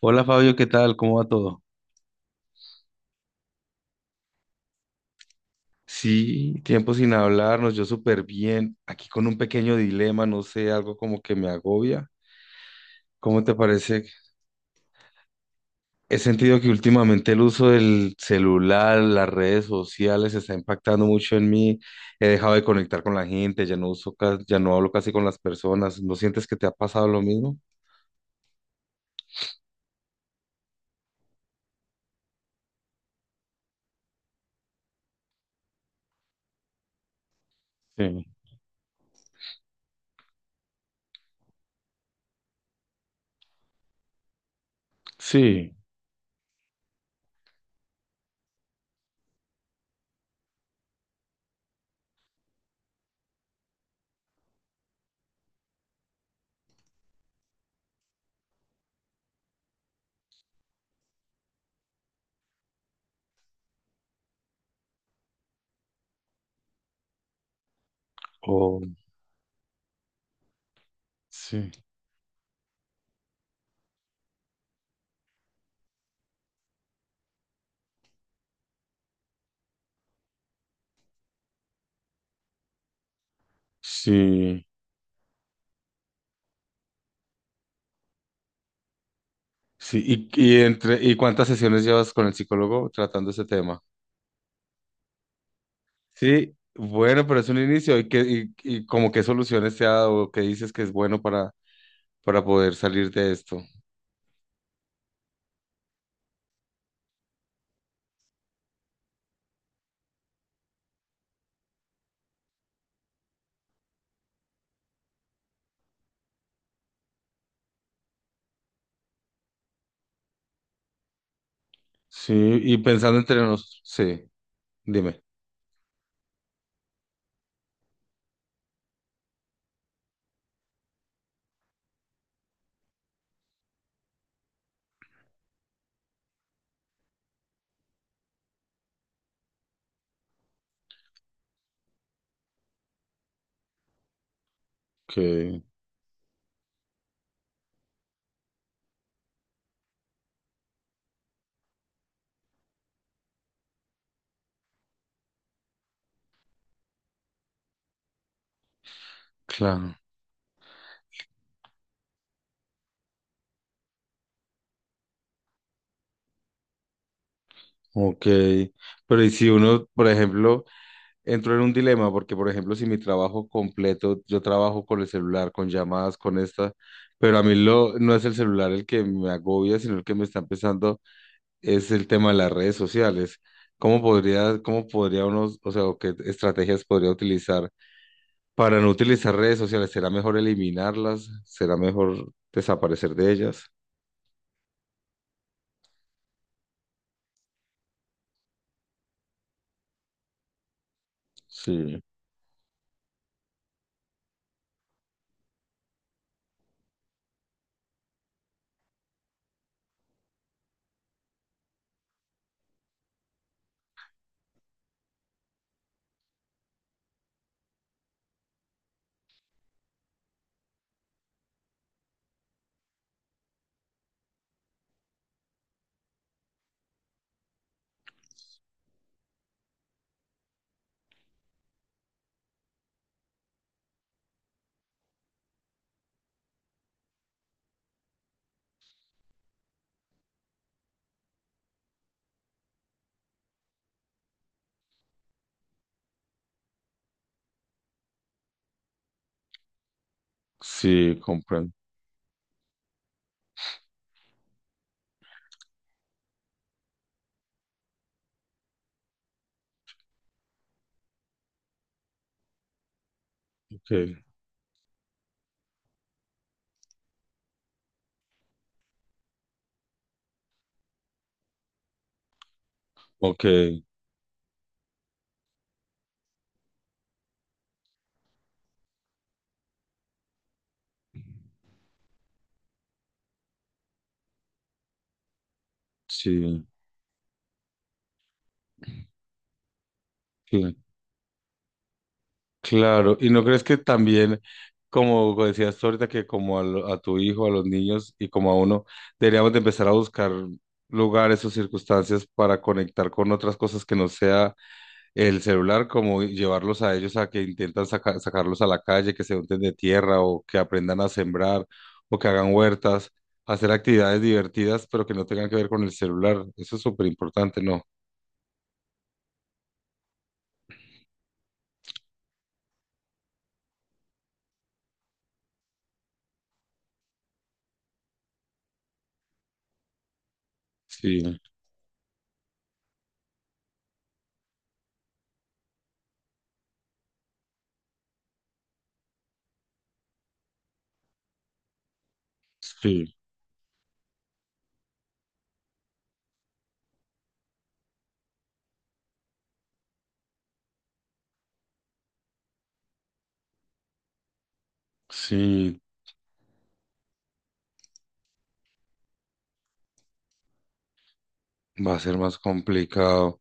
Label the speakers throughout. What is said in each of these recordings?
Speaker 1: Hola Fabio, ¿qué tal? ¿Cómo va todo? Sí, tiempo sin hablarnos, yo súper bien, aquí con un pequeño dilema, no sé, algo como que me agobia. ¿Cómo te parece? He sentido que últimamente el uso del celular, las redes sociales está impactando mucho en mí. He dejado de conectar con la gente, ya no uso, ya no hablo casi con las personas. ¿No sientes que te ha pasado lo mismo? Sí, sí. Oh, sí. Sí, sí. ¿Y, y cuántas sesiones llevas con el psicólogo tratando ese tema? Sí, bueno, pero es un inicio. ¿Y qué, y como qué soluciones te ha dado? ¿Qué dices que es bueno para poder salir de esto? Sí, y pensando entre nosotros, sí, dime. Que claro, ok. Pero y si uno, por ejemplo, entró en un dilema, porque por ejemplo, si mi trabajo completo, yo trabajo con el celular, con llamadas, con esta, pero a mí lo, no es el celular el que me agobia, sino el que me está empezando es el tema de las redes sociales. Cómo podría uno, o sea, o qué estrategias podría utilizar para no utilizar redes sociales? ¿Será mejor eliminarlas? ¿Será mejor desaparecer de ellas? Sí, sí, comprendo. Okay, okay, sí, sí, claro. ¿Y no crees que también, como decías tú ahorita, que como a, a tu hijo, a los niños y como a uno, deberíamos de empezar a buscar lugares o circunstancias para conectar con otras cosas que no sea el celular, como llevarlos a ellos a que intentan sacarlos a la calle, que se unten de tierra o que aprendan a sembrar o que hagan huertas, hacer actividades divertidas, pero que no tengan que ver con el celular. Eso es súper importante, ¿no? Sí, sí, sí, va a ser más complicado.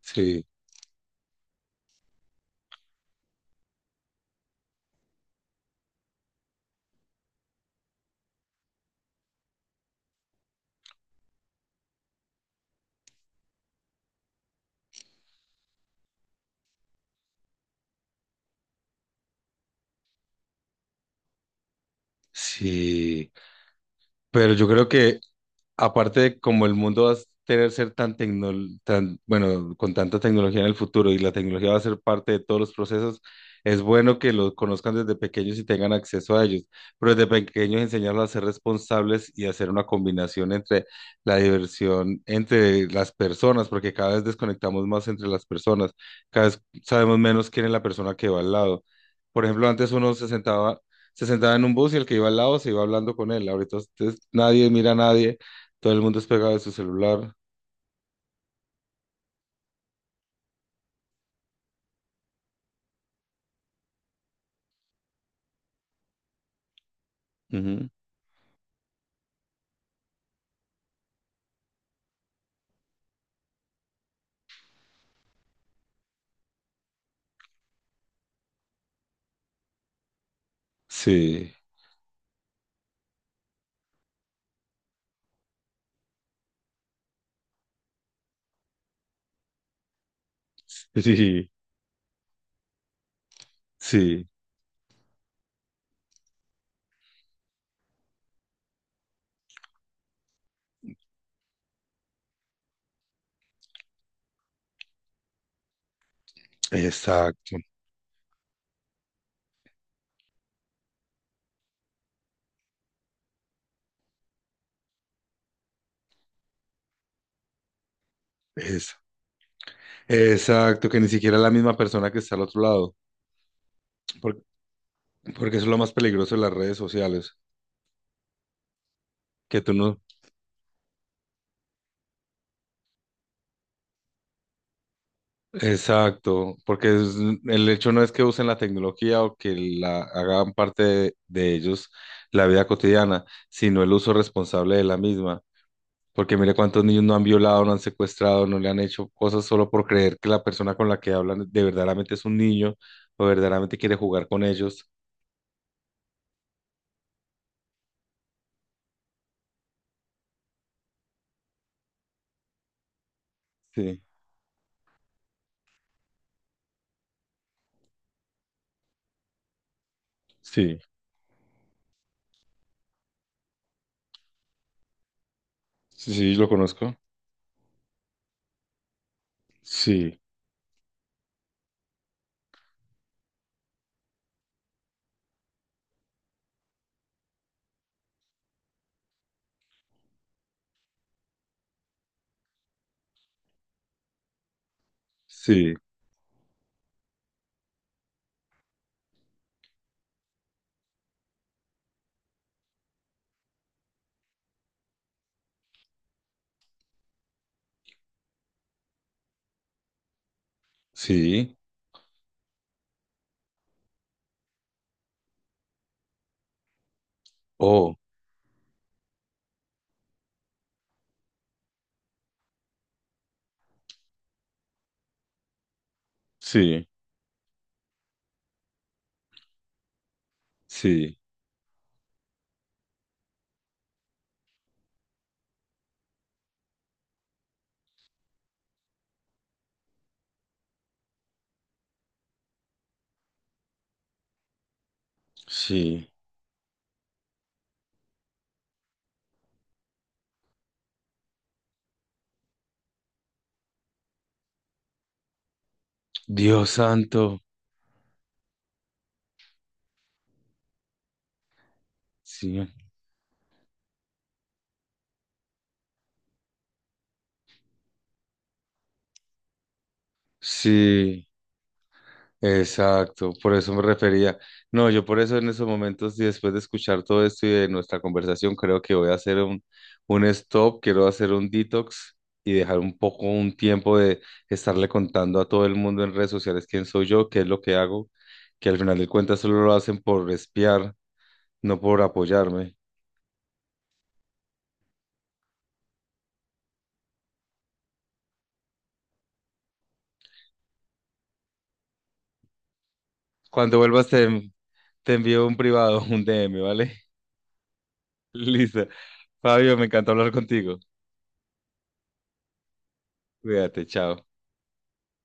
Speaker 1: Sí, sí. Pero yo creo que aparte de como el mundo va a tener ser tan tecno, tan, bueno, con tanta tecnología en el futuro y la tecnología va a ser parte de todos los procesos, es bueno que los conozcan desde pequeños y tengan acceso a ellos, pero desde pequeños enseñarlos a ser responsables y hacer una combinación entre la diversión entre las personas, porque cada vez desconectamos más entre las personas, cada vez sabemos menos quién es la persona que va al lado. Por ejemplo, antes uno se sentaba en un bus y el que iba al lado se iba hablando con él, ahorita nadie mira a nadie, todo el mundo es pegado de su celular. Ujú. Sí, sí, sí, exacto, eso. Exacto, que ni siquiera es la misma persona que está al otro lado, por- porque eso es lo más peligroso de las redes sociales, que tú no... Exacto, porque el hecho no es que usen la tecnología o que la hagan parte de ellos la vida cotidiana, sino el uso responsable de la misma. Porque mire cuántos niños no han violado, no han secuestrado, no le han hecho cosas solo por creer que la persona con la que hablan de verdaderamente es un niño o verdaderamente quiere jugar con ellos. Sí. Sí, sí, sí, lo conozco. Sí, sí, sí. Oh, sí, sí, sí. Dios santo. Sí, sí. Exacto, por eso me refería. No, yo por eso en esos momentos y después de escuchar todo esto y de nuestra conversación, creo que voy a hacer un stop, quiero hacer un detox y dejar un poco un tiempo de estarle contando a todo el mundo en redes sociales quién soy yo, qué es lo que hago, que al final de cuentas solo lo hacen por espiar, no por apoyarme. Cuando vuelvas te, te envío un privado, un DM, ¿vale? Listo. Fabio, me encanta hablar contigo. Cuídate, chao.